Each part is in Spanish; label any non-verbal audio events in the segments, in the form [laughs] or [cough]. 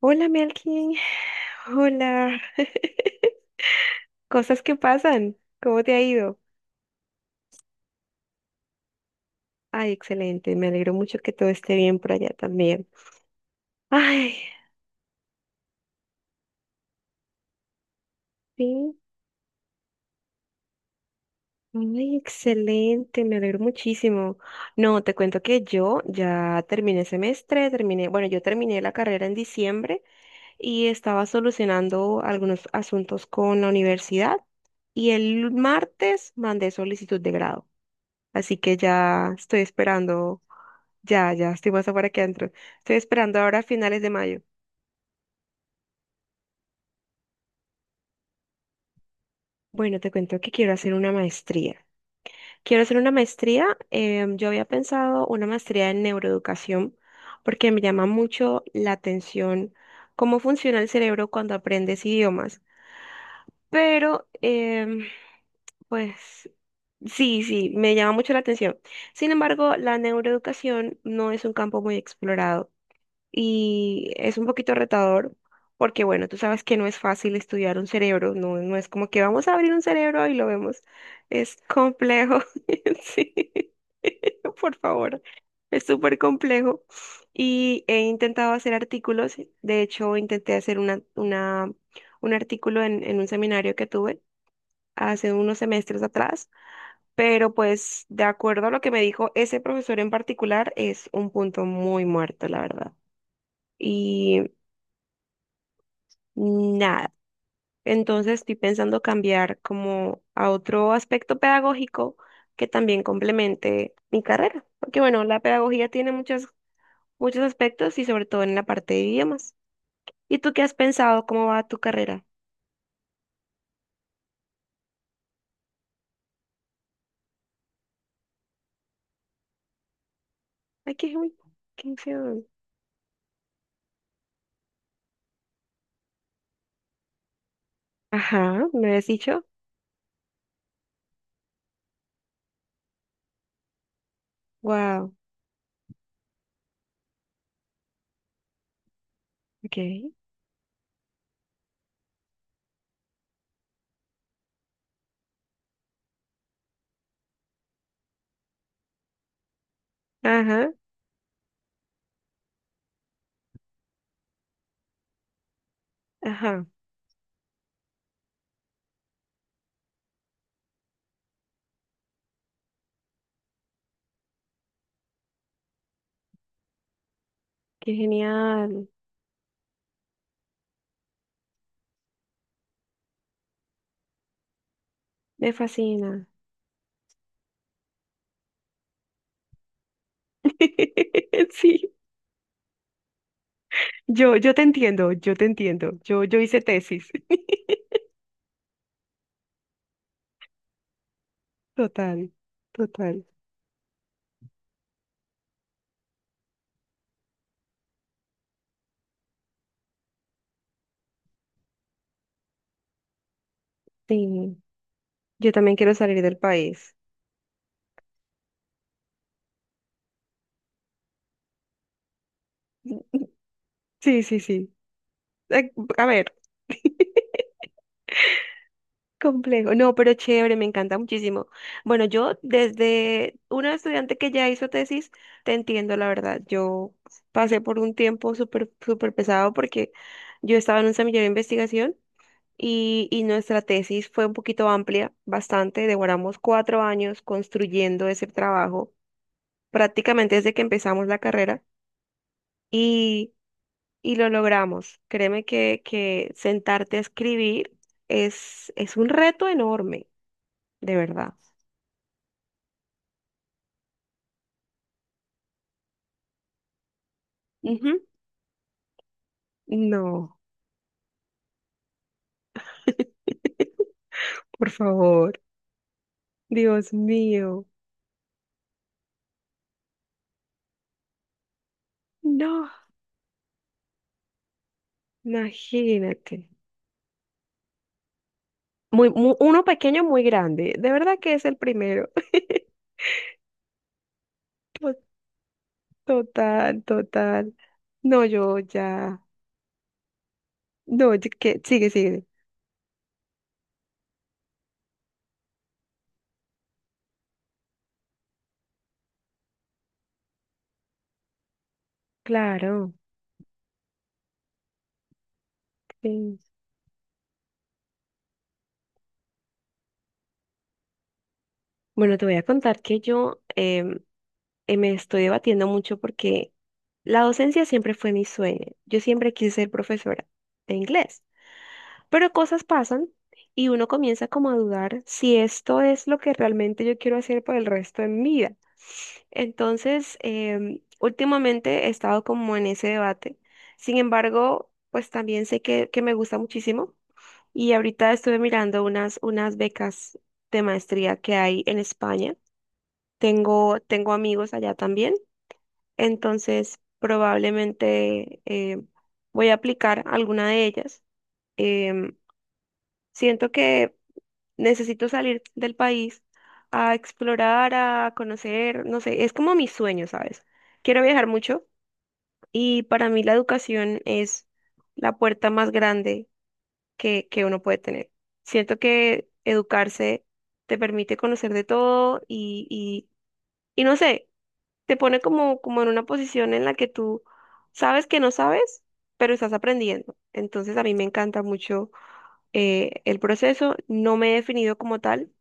Hola Melkin, [sighs] hola, cosas que pasan, ¿cómo te ha ido? Ay, excelente, me alegro mucho que todo esté bien por allá también. Ay, sí, ay, excelente, me alegro muchísimo. No, te cuento que yo ya terminé semestre, terminé, bueno, yo terminé la carrera en diciembre y estaba solucionando algunos asuntos con la universidad y el martes mandé solicitud de grado, así que ya estoy esperando. Ya, ya, estoy más afuera que adentro. Estoy esperando ahora a finales de mayo. Bueno, te cuento que quiero hacer una maestría. Quiero hacer una maestría. Yo había pensado una maestría en neuroeducación porque me llama mucho la atención cómo funciona el cerebro cuando aprendes idiomas. Pero, pues, sí, sí, me llama mucho la atención. Sin embargo, la neuroeducación no es un campo muy explorado. Y es un poquito retador porque, bueno, tú sabes que no es fácil estudiar un cerebro, no, no es como que vamos a abrir un cerebro y lo vemos, es complejo. [laughs] Sí, [laughs] por favor, es súper complejo y he intentado hacer artículos. De hecho intenté hacer un artículo en un seminario que tuve hace unos semestres atrás. Pero pues de acuerdo a lo que me dijo ese profesor en particular, es un punto muy muerto, la verdad. Y nada. Entonces estoy pensando cambiar como a otro aspecto pedagógico que también complemente mi carrera. Porque bueno, la pedagogía tiene muchos, muchos aspectos, y sobre todo en la parte de idiomas. ¿Y tú qué has pensado? ¿Cómo va tu carrera? Ay, uy, qué feo. Ajá, ¿me habías dicho? Wow, ok. Ajá, ajá, qué genial. Me fascina. [laughs] Sí, yo te entiendo, yo te entiendo. Yo hice tesis. [laughs] Total, total. Sí, yo también quiero salir del país. [laughs] Sí, sí, sí. Eh, A ver, [laughs] complejo. No, pero chévere, me encanta muchísimo. Bueno, yo, desde una estudiante que ya hizo tesis, te entiendo, la verdad. Yo pasé por un tiempo súper, súper pesado porque yo estaba en un semillero de investigación, y nuestra tesis fue un poquito amplia, bastante. Demoramos 4 años construyendo ese trabajo, prácticamente desde que empezamos la carrera. Y, y lo logramos. Créeme que, sentarte a escribir es un reto enorme, de verdad. Ujú. No, [laughs] por favor. Dios mío. No, imagínate. Uno pequeño, muy grande. De verdad que es el primero. [laughs] To- Total, total. No, yo ya. No, que sigue, sigue. Claro. Sí. Bueno, te voy a contar que yo, me estoy debatiendo mucho porque la docencia siempre fue mi sueño. Yo siempre quise ser profesora de inglés, pero cosas pasan y uno comienza como a dudar si esto es lo que realmente yo quiero hacer por el resto de mi vida. Entonces, últimamente he estado como en ese debate. Sin embargo, pues también sé que, me gusta muchísimo, y ahorita estuve mirando unas becas de maestría que hay en España. Tengo amigos allá también. Entonces, probablemente voy a aplicar alguna de ellas. Em, Siento que necesito salir del país a explorar, a conocer, no sé, es como mi sueño, ¿sabes? Quiero viajar mucho, y para mí la educación es la puerta más grande que, uno puede tener. Siento que educarse te permite conocer de todo, y no sé. Te pone como, en una posición en la que tú sabes que no sabes, pero estás aprendiendo. Entonces a mí me encanta mucho, el proceso. No me he definido como tal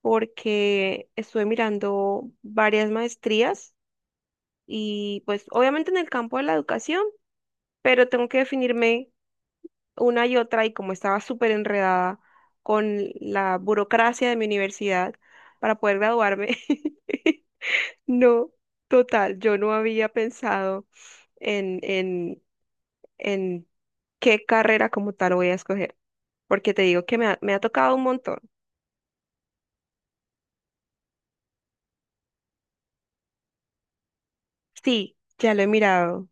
porque estuve mirando varias maestrías y pues obviamente en el campo de la educación, pero tengo que definirme una y otra, y como estaba súper enredada con la burocracia de mi universidad para poder graduarme. [laughs] No, total, yo no había pensado en, en, en qué carrera como tal voy a escoger, porque te digo que me ha tocado un montón. Sí, ya lo he mirado.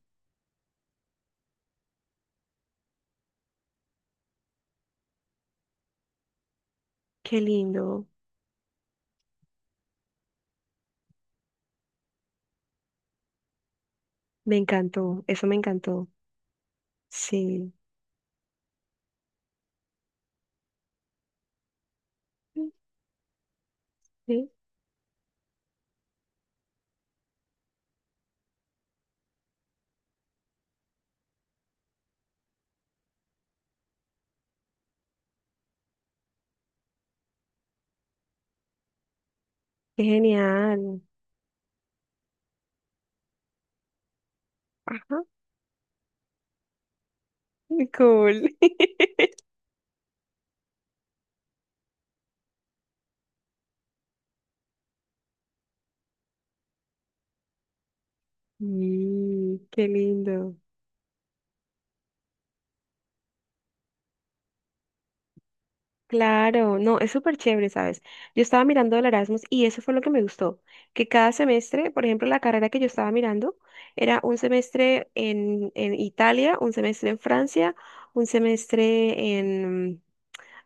Qué lindo, me encantó, eso me encantó. Sí, sí, sí, qué genial. Ajá, cool. [laughs] Mm, qué lindo. Claro, no, es súper chévere, ¿sabes? Yo estaba mirando el Erasmus y eso fue lo que me gustó, que cada semestre, por ejemplo, la carrera que yo estaba mirando era un semestre en Italia, un semestre en Francia, un semestre en.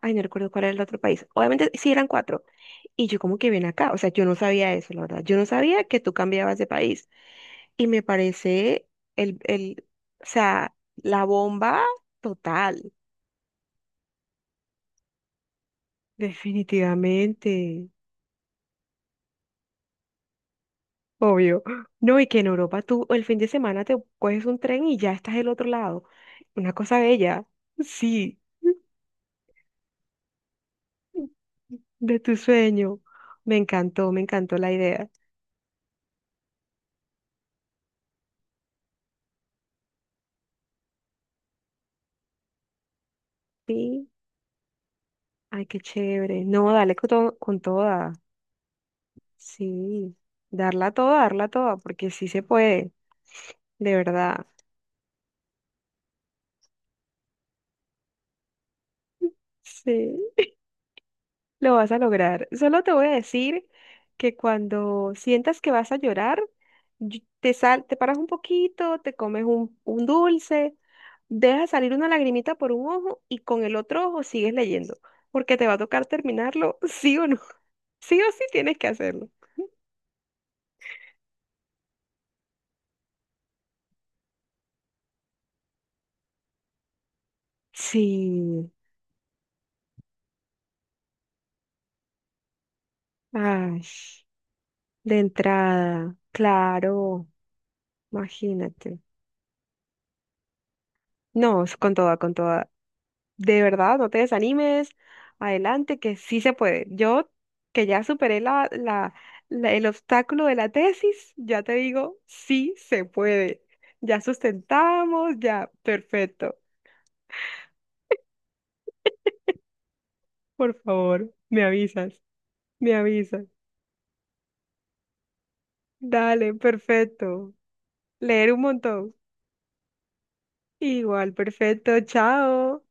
Ay, no recuerdo cuál era el otro país. Obviamente sí eran cuatro. Y yo como que ven acá, o sea, yo no sabía eso, la verdad. Yo no sabía que tú cambiabas de país. Y me parece el, el, o sea, la bomba total, definitivamente. Obvio. No, y que en Europa tú el fin de semana te coges un tren y ya estás del otro lado. Una cosa bella. Sí, de tu sueño. Me encantó la idea. Sí, ay, qué chévere. No, dale con toda. Sí, darla toda, porque sí se puede, de verdad. Sí. Lo vas a lograr. Solo te voy a decir que cuando sientas que vas a llorar, te paras un poquito, te comes un dulce, dejas salir una lagrimita por un ojo y con el otro ojo sigues leyendo, porque te va a tocar terminarlo, [laughs] sí o no. Sí o sí tienes que hacerlo. Sí. Ay, de entrada, claro, imagínate. No, es con toda, con toda. De verdad, no te desanimes, adelante, que sí se puede. Yo, que ya superé el obstáculo de la tesis, ya te digo, sí se puede. Ya sustentamos, ya, perfecto. Por favor, me avisas, me avisas. Dale, perfecto. Leer un montón. Igual, perfecto, chao.